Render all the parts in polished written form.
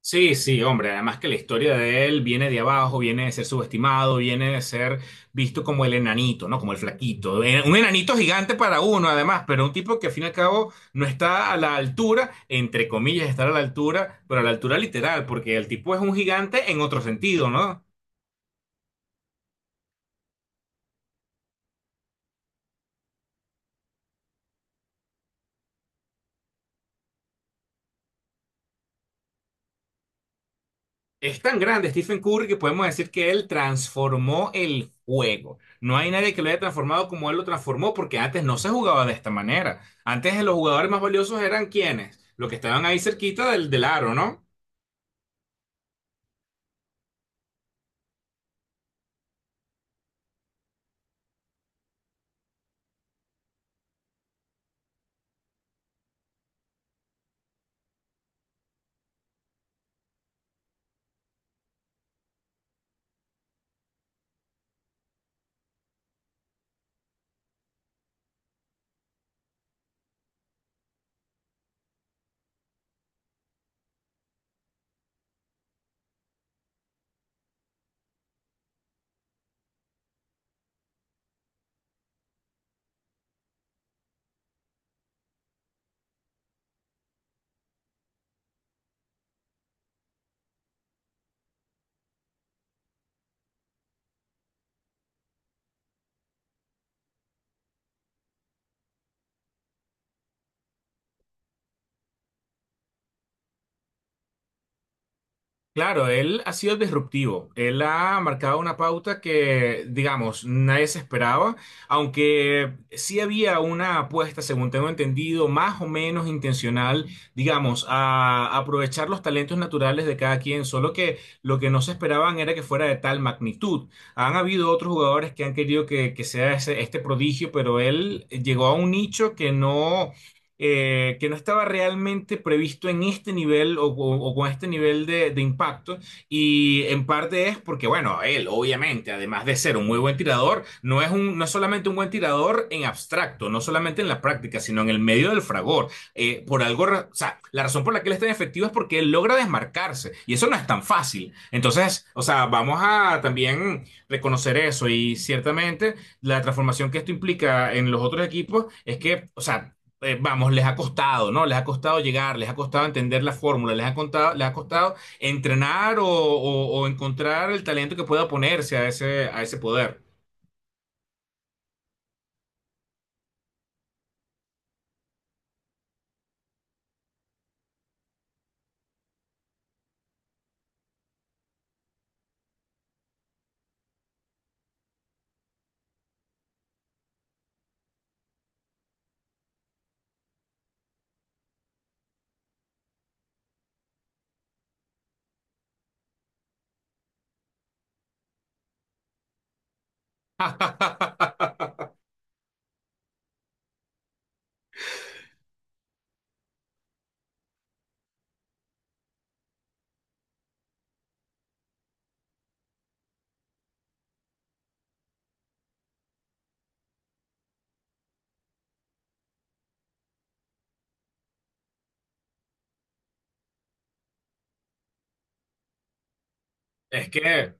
Sí, sí, hombre, además que la historia de él viene de abajo, viene de ser subestimado, viene de ser visto como el enanito, ¿no? Como el flaquito. Un enanito gigante para uno, además, pero un tipo que al fin y al cabo no está a la altura, entre comillas, estar a la altura, pero a la altura literal, porque el tipo es un gigante en otro sentido, ¿no? Es tan grande Stephen Curry que podemos decir que él transformó el juego. No hay nadie que lo haya transformado como él lo transformó, porque antes no se jugaba de esta manera. Antes los jugadores más valiosos eran quienes, los que estaban ahí cerquita del aro, ¿no? Claro, él ha sido disruptivo. Él ha marcado una pauta que, digamos, nadie se esperaba, aunque sí había una apuesta, según tengo entendido, más o menos intencional, digamos, a aprovechar los talentos naturales de cada quien, solo que lo que no se esperaban era que fuera de tal magnitud. Han habido otros jugadores que han querido que sea este prodigio, pero él llegó a un nicho que no estaba realmente previsto en este nivel o con este nivel de impacto. Y en parte es porque, bueno, él obviamente, además de ser un muy buen tirador, no es no es solamente un buen tirador en abstracto, no solamente en la práctica, sino en el medio del fragor. Por algo, o sea, la razón por la que él es tan efectivo es porque él logra desmarcarse y eso no es tan fácil. Entonces, o sea, vamos a también reconocer eso y ciertamente la transformación que esto implica en los otros equipos es que, o sea, vamos, les ha costado, ¿no? Les ha costado llegar, les ha costado entender la fórmula, les ha contado, les ha costado entrenar o encontrar el talento que pueda oponerse a ese poder. Es que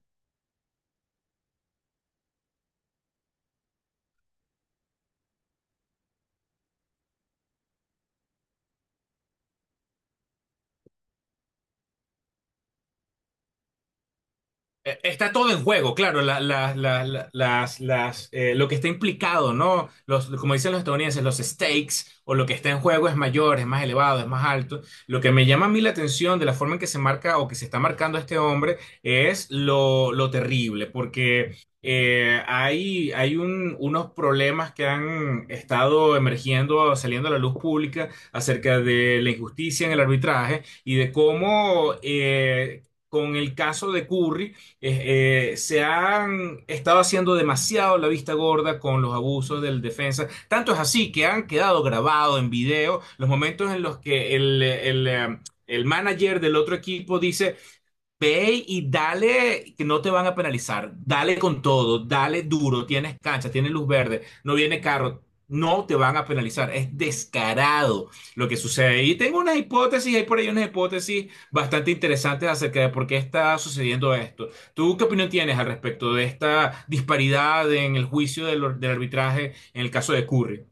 Está todo en juego, claro, lo que está implicado, ¿no? Los, como dicen los estadounidenses, los stakes o lo que está en juego es mayor, es más elevado, es más alto. Lo que me llama a mí la atención de la forma en que se marca o que se está marcando este hombre es lo terrible, porque hay unos problemas que han estado emergiendo, saliendo a la luz pública acerca de la injusticia en el arbitraje y de cómo... con el caso de Curry, se han estado haciendo demasiado la vista gorda con los abusos del defensa. Tanto es así que han quedado grabados en video los momentos en los que el manager del otro equipo dice, ve y dale, que no te van a penalizar. Dale con todo, dale duro. Tienes cancha, tienes luz verde, no viene carro. No te van a penalizar. Es descarado lo que sucede. Y tengo unas hipótesis, hay por ahí unas hipótesis bastante interesantes acerca de por qué está sucediendo esto. ¿Tú qué opinión tienes al respecto de esta disparidad en el juicio del arbitraje en el caso de Curry?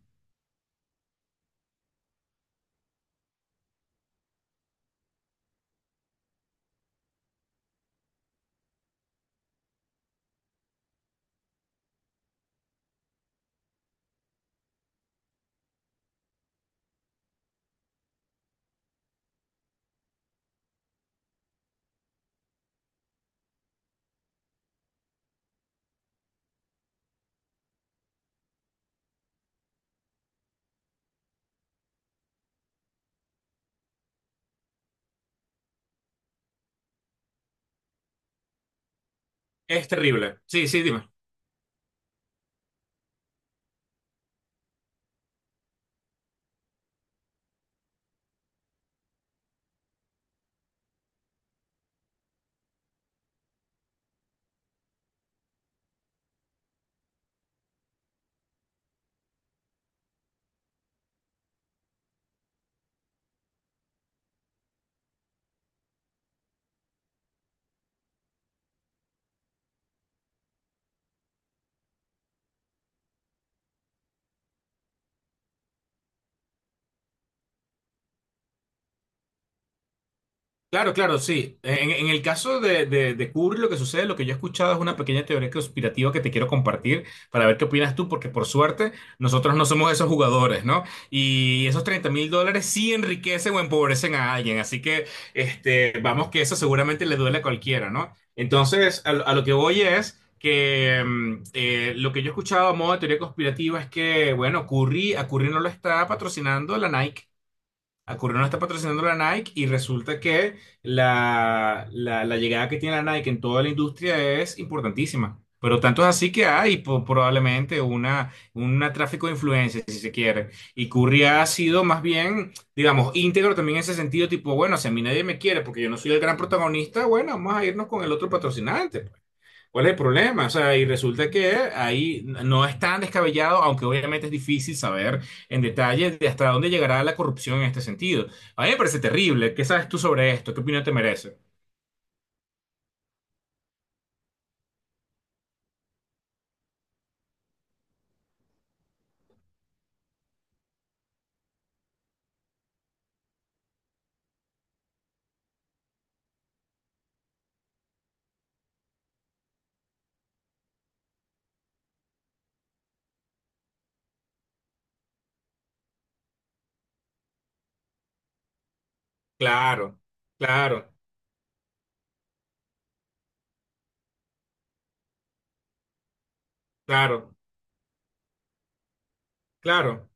Es terrible. Sí, sí, dime. Claro, claro, sí. En el caso de Kubrick, lo que sucede, lo que yo he escuchado es una pequeña teoría conspirativa que te quiero compartir para ver qué opinas tú, porque por suerte nosotros no somos esos jugadores, ¿no? Y esos 30 mil dólares sí enriquecen o empobrecen a alguien, así que este, vamos que eso seguramente le duele a cualquiera, ¿no? Entonces, a lo que voy es que lo que yo he escuchado a modo de teoría conspirativa es que, bueno, a Curry no lo está patrocinando la Nike, a Curry no la está patrocinando la Nike y resulta que la llegada que tiene la Nike en toda la industria es importantísima. Pero tanto es así que hay probablemente un tráfico de influencias, si se quiere. Y Curry ha sido más bien, digamos, íntegro también en ese sentido, tipo, bueno, si a mí nadie me quiere porque yo no soy el gran protagonista, bueno, vamos a irnos con el otro patrocinante. ¿Cuál es el problema? O sea, y resulta que ahí no es tan descabellado, aunque obviamente es difícil saber en detalle de hasta dónde llegará la corrupción en este sentido. A mí me parece terrible. ¿Qué sabes tú sobre esto? ¿Qué opinión te merece? Claro, claro, claro, claro.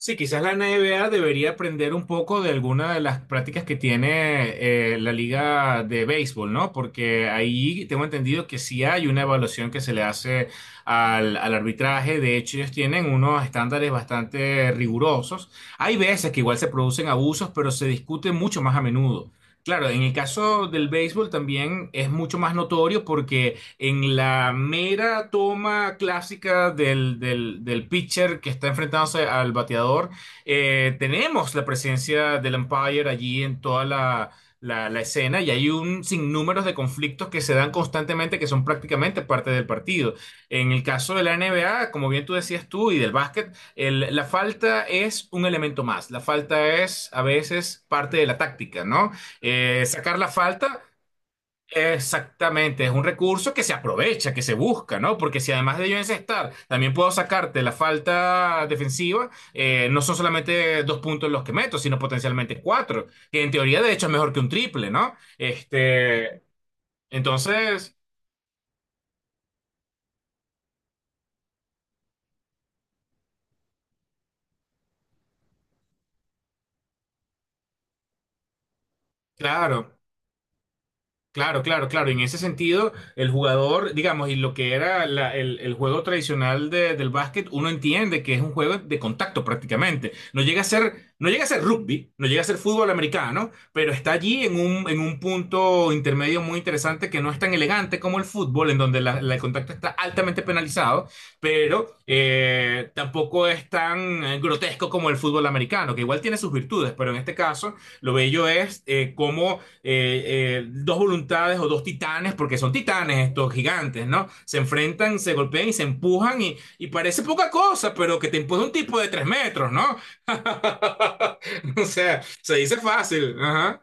Sí, quizás la NBA debería aprender un poco de alguna de las prácticas que tiene la liga de béisbol, ¿no? Porque ahí tengo entendido que sí hay una evaluación que se le hace al arbitraje. De hecho, ellos tienen unos estándares bastante rigurosos. Hay veces que igual se producen abusos, pero se discute mucho más a menudo. Claro, en el caso del béisbol también es mucho más notorio porque en la mera toma clásica del pitcher que está enfrentándose al bateador, tenemos la presencia del umpire allí en toda la escena y hay un sinnúmero de conflictos que se dan constantemente que son prácticamente parte del partido. En el caso de la NBA, como bien tú decías tú, y del básquet, la falta es un elemento más. La falta es a veces parte de la táctica, ¿no? Sacar la falta. Exactamente, es un recurso que se aprovecha, que se busca, ¿no? Porque si además de yo encestar, también puedo sacarte la falta defensiva, no son solamente dos puntos los que meto, sino potencialmente cuatro, que en teoría de hecho es mejor que un triple, ¿no? Este, entonces, claro. Claro, claro, claro. En ese sentido, el jugador, digamos, y lo que era el juego tradicional del básquet, uno entiende que es un juego de contacto prácticamente. No llega a ser, no llega a ser rugby, no llega a ser fútbol americano, pero está allí en un punto intermedio muy interesante que no es tan elegante como el fútbol, en donde el contacto está altamente penalizado, pero tampoco es tan grotesco como el fútbol americano, que igual tiene sus virtudes, pero en este caso, lo bello es cómo dos voluntades o dos titanes, porque son titanes estos gigantes, ¿no? Se enfrentan, se golpean y se empujan y parece poca cosa, pero que te empuja un tipo de tres metros, ¿no? O sea, se dice fácil. Ajá.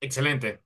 Excelente.